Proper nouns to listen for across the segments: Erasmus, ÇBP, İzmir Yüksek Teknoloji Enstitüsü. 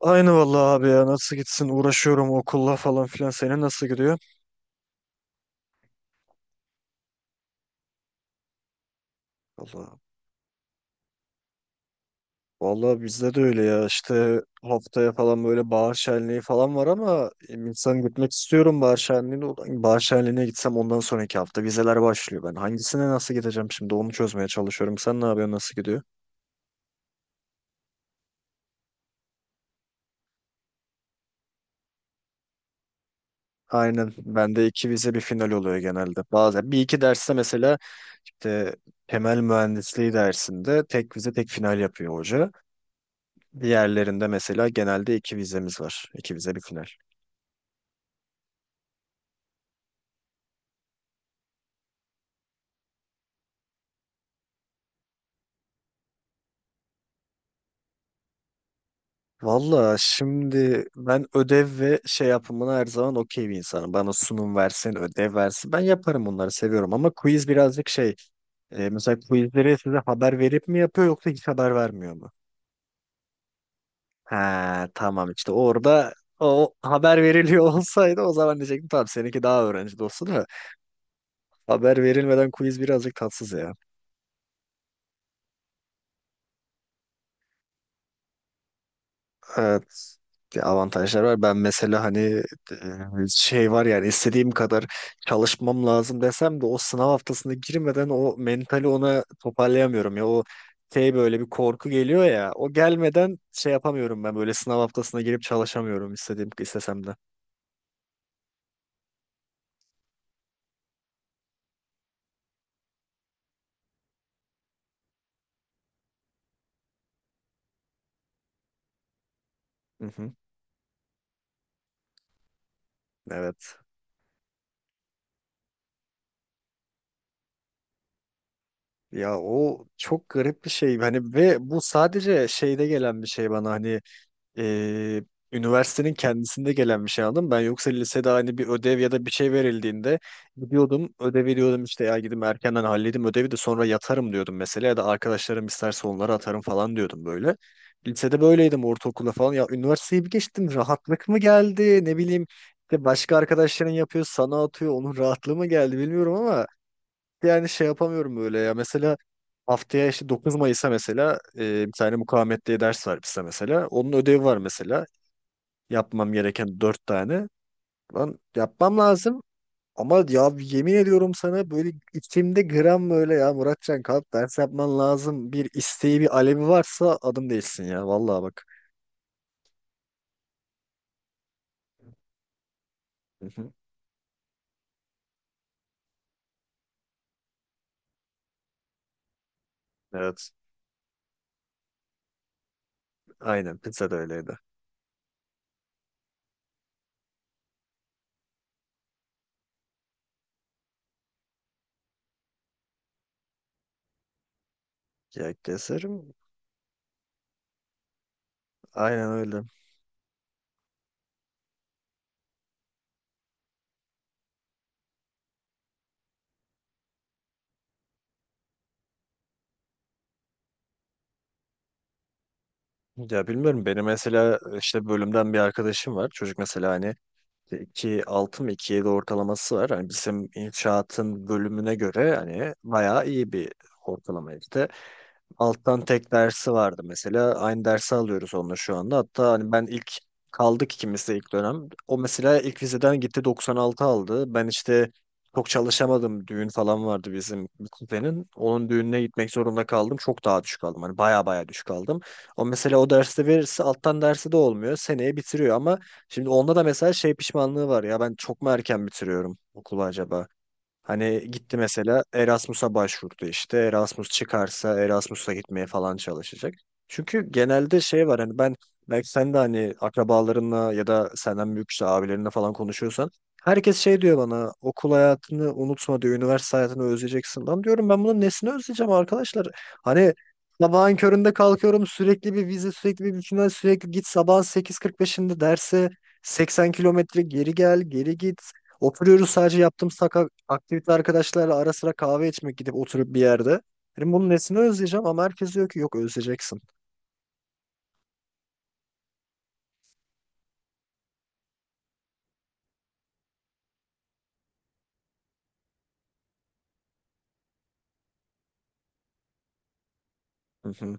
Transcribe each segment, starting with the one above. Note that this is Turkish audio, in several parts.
Aynı vallahi abi ya nasıl gitsin uğraşıyorum okulla falan filan senin nasıl gidiyor? Vallahi, vallahi, bizde de öyle ya işte haftaya falan böyle bahar şenliği falan var ama insan gitmek istiyorum bahar şenliğine. Ulan bahar şenliğine gitsem ondan sonraki hafta vizeler başlıyor ben. Hangisine nasıl gideceğim şimdi onu çözmeye çalışıyorum. Sen ne yapıyorsun, nasıl gidiyor? Aynen, bende iki vize bir final oluyor genelde. Bazen bir iki derste mesela işte temel mühendisliği dersinde tek vize tek final yapıyor hoca. Diğerlerinde mesela genelde iki vizemiz var. İki vize bir final. Valla şimdi ben ödev ve şey yapımına her zaman okey bir insanım. Bana sunum versin, ödev versin. Ben yaparım, bunları seviyorum ama quiz birazcık şey. Mesela quizleri size haber verip mi yapıyor, yoksa hiç haber vermiyor mu? Ha, tamam, işte orada o haber veriliyor olsaydı o zaman diyecektim tamam, seninki daha öğrenci dostu da. Haber verilmeden quiz birazcık tatsız ya. Evet. Bir avantajlar var. Ben mesela hani e, şey var, yani istediğim kadar çalışmam lazım desem de o sınav haftasına girmeden o mentali ona toparlayamıyorum ya. O şey, böyle bir korku geliyor ya. O gelmeden şey yapamıyorum ben, böyle sınav haftasına girip çalışamıyorum, istediğim istesem de. Hı hı. Evet. Ya o çok garip bir şey. Hani ve bu sadece şeyde gelen bir şey bana, hani e, üniversitenin kendisinde gelen bir şey aldım. Ben yoksa lisede hani bir ödev ya da bir şey verildiğinde gidiyordum ödevi diyordum işte ya gidip erkenden halledeyim ödevi de sonra yatarım diyordum mesela, ya da arkadaşlarım isterse onlara atarım falan diyordum böyle. Lisede böyleydim, ortaokulda falan. Ya üniversiteyi bir geçtim rahatlık mı geldi ne bileyim, işte başka arkadaşların yapıyor sana atıyor onun rahatlığı mı geldi bilmiyorum, ama yani şey yapamıyorum böyle ya. Mesela haftaya işte 9 Mayıs'a mesela bir tane mukavemet diye ders var bize mesela. Onun ödevi var mesela. Yapmam gereken 4 tane. Lan yapmam lazım. Ama ya yemin ediyorum sana böyle içimde gram, böyle ya Muratcan kalk ders yapman lazım. Bir isteği bir alevi varsa adım değilsin ya. Vallahi bak. Hı hı. Evet. Aynen, pizza da öyleydi. Ya keserim. Aynen öyle. Ya bilmiyorum, benim mesela işte bölümden bir arkadaşım var. Çocuk mesela hani 2.6 mı 2.7 ortalaması var. Hani bizim inşaatın bölümüne göre hani bayağı iyi bir ortalama işte. Alttan tek dersi vardı mesela. Aynı dersi alıyoruz onunla şu anda. Hatta hani ben ilk kaldık ikimiz de ilk dönem. O mesela ilk vizeden gitti 96 aldı. Ben işte çok çalışamadım. Düğün falan vardı bizim bir kuzenin. Onun düğününe gitmek zorunda kaldım. Çok daha düşük aldım. Hani baya baya düşük aldım. O mesela o derste verirse alttan dersi de olmuyor, seneye bitiriyor ama şimdi onda da mesela şey pişmanlığı var. Ya ben çok mu erken bitiriyorum okulu acaba? Hani gitti mesela Erasmus'a başvurdu işte. Erasmus çıkarsa Erasmus'a gitmeye falan çalışacak. Çünkü genelde şey var, hani ben, belki sen de hani akrabalarınla ya da senden büyük işte abilerinle falan konuşuyorsan herkes şey diyor bana, okul hayatını unutma diyor, üniversite hayatını özleyeceksin. Lan diyorum ben bunun nesini özleyeceğim arkadaşlar? Hani sabahın köründe kalkıyorum, sürekli bir vize, sürekli bir final, sürekli git sabahın 8.45'inde derse, 80 kilometre geri gel, geri git. Oturuyoruz, sadece yaptığımız aktivite arkadaşlarla ara sıra kahve içmek, gidip oturup bir yerde. Dedim bunun nesini özleyeceğim, ama herkes diyor ki yok özleyeceksin. Hı hı,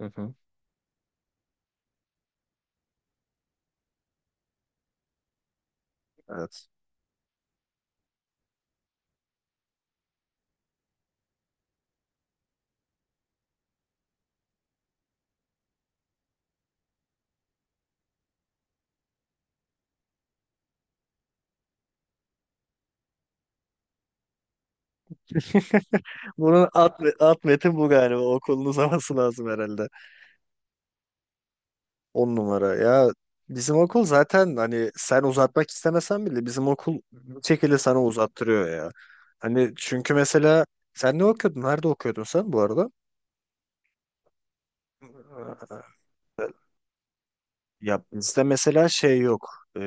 hı hı. Evet. Bunun alt metin bu galiba. Okulun uzaması lazım herhalde. 10 numara. Ya bizim okul zaten hani sen uzatmak istemesen bile bizim okul bir şekilde sana uzattırıyor ya. Hani çünkü mesela sen ne okuyordun? Nerede okuyordun sen bu arada? Ya bizde mesela şey yok. Ee,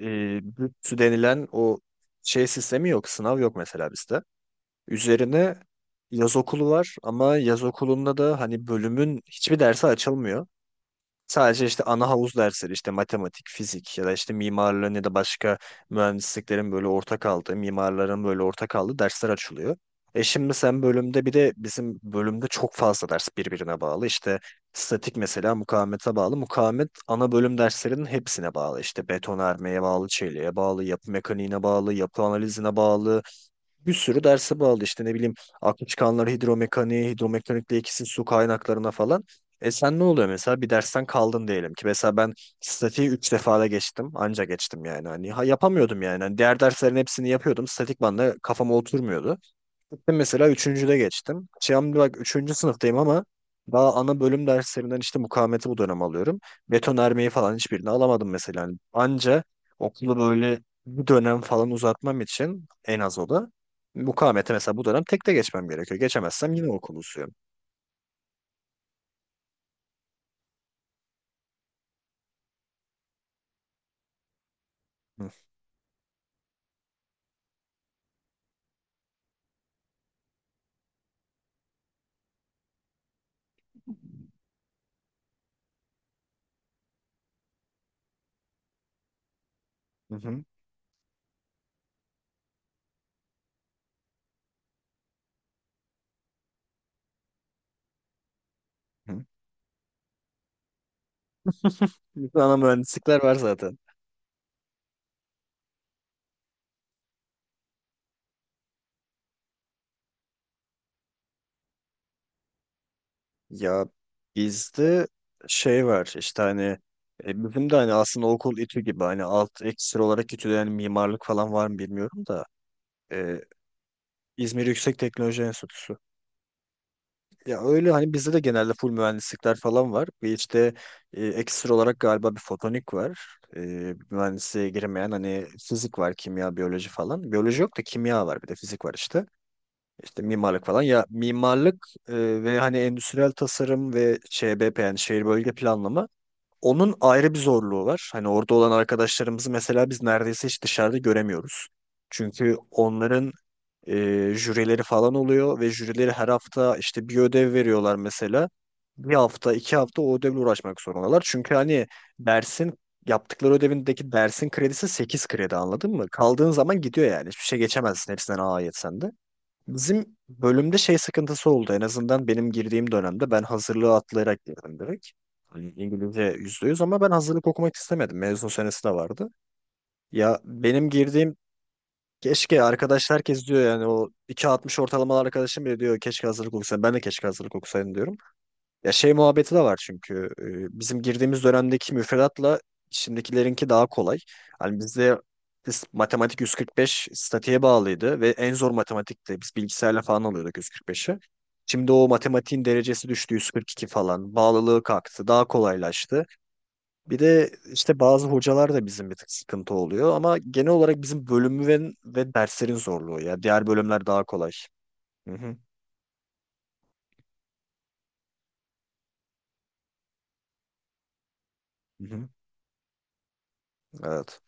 bütçü denilen o şey sistemi yok. Sınav yok mesela bizde. Üzerine yaz okulu var ama yaz okulunda da hani bölümün hiçbir dersi açılmıyor. Sadece işte ana havuz dersleri işte matematik, fizik ya da işte mimarlığın ya da başka mühendisliklerin böyle ortak aldığı, mimarların böyle ortak aldığı dersler açılıyor. Şimdi sen bölümde, bir de bizim bölümde çok fazla ders birbirine bağlı. İşte statik mesela mukavemete bağlı. Mukavemet ana bölüm derslerinin hepsine bağlı. İşte betonarmeye bağlı, çeliğe bağlı, yapı mekaniğine bağlı, yapı analizine bağlı, bir sürü derse bağlı işte, ne bileyim, aklı çıkanlar hidromekaniğe, hidromekanikle ikisi su kaynaklarına falan. Sen ne oluyor mesela, bir dersten kaldın diyelim ki, mesela ben statiği 3 defada geçtim anca geçtim yani hani, ha, yapamıyordum yani. Hani diğer derslerin hepsini yapıyordum, statik bana kafama oturmuyordu. Gittim mesela üçüncüde geçtim. Şimdi bak üçüncü sınıftayım ama daha ana bölüm derslerinden işte mukavemeti bu dönem alıyorum. Betonarmeyi falan hiçbirini alamadım mesela. Hani anca okulu böyle bir dönem falan uzatmam için en az o da mukavemeti mesela bu dönem tekte geçmem gerekiyor. Geçemezsem yine okulu uzuyorum. Hı hı hı. Hı. Bütün ana mühendislikler var zaten. Ya bizde şey var işte, hani bizim de hani aslında okul İTÜ gibi, hani alt ekstra olarak İTÜ'de yani mimarlık falan var mı bilmiyorum da. Ee, İzmir Yüksek Teknoloji Enstitüsü. Ya öyle, hani bizde de genelde full mühendislikler falan var. Bir işte ekstra olarak galiba bir fotonik var. E, mühendisliğe girmeyen hani fizik var, kimya, biyoloji falan. Biyoloji yok da kimya var bir de fizik var işte. İşte mimarlık falan. Ya mimarlık ve hani endüstriyel tasarım ve ÇBP yani şehir bölge planlama, onun ayrı bir zorluğu var. Hani orada olan arkadaşlarımızı mesela biz neredeyse hiç dışarıda göremiyoruz. Çünkü onların e, jürileri falan oluyor ve jürileri her hafta işte bir ödev veriyorlar mesela. Bir hafta, 2 hafta o ödevle uğraşmak zorundalar. Çünkü hani dersin, yaptıkları ödevindeki dersin kredisi 8 kredi, anladın mı? Kaldığın zaman gidiyor yani. Hiçbir şey geçemezsin, hepsinden A yetsen de. Bizim bölümde şey sıkıntısı oldu. En azından benim girdiğim dönemde ben hazırlığı atlayarak girdim direkt. Hani İngilizce %100 ama ben hazırlık okumak istemedim. Mezun senesi de vardı. Ya benim girdiğim. Keşke arkadaş, herkes diyor yani o iki altmış ortalamalı arkadaşım bile diyor keşke hazırlık okusaydım. Ben de keşke hazırlık okusaydım diyorum. Ya şey muhabbeti de var çünkü bizim girdiğimiz dönemdeki müfredatla şimdikilerinki daha kolay. Hani bizde biz matematik 145 statiğe bağlıydı ve en zor matematikti. Biz bilgisayarla falan alıyorduk 145'i. Şimdi o matematiğin derecesi düştü 142 falan. Bağlılığı kalktı. Daha kolaylaştı. Bir de işte bazı hocalar da bizim bir tık sıkıntı oluyor ama genel olarak bizim bölümün ve derslerin zorluğu ya. Diğer bölümler daha kolay. Hı hı. Hı hı. Evet.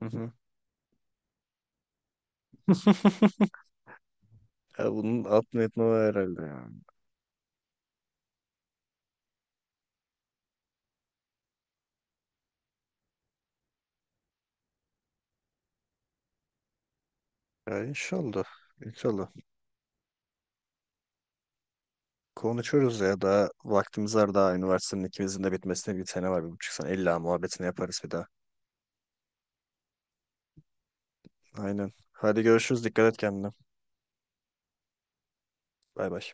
Hı hı. Ya bunun altını etme var herhalde ya. Ya inşallah. İnşallah. Konuşuruz ya, daha vaktimiz var, daha üniversitenin ikimizin de bitmesine bir sene var, bir buçuk sene. İlla muhabbetini yaparız bir daha. Aynen. Hadi görüşürüz. Dikkat et kendine. Bay bay.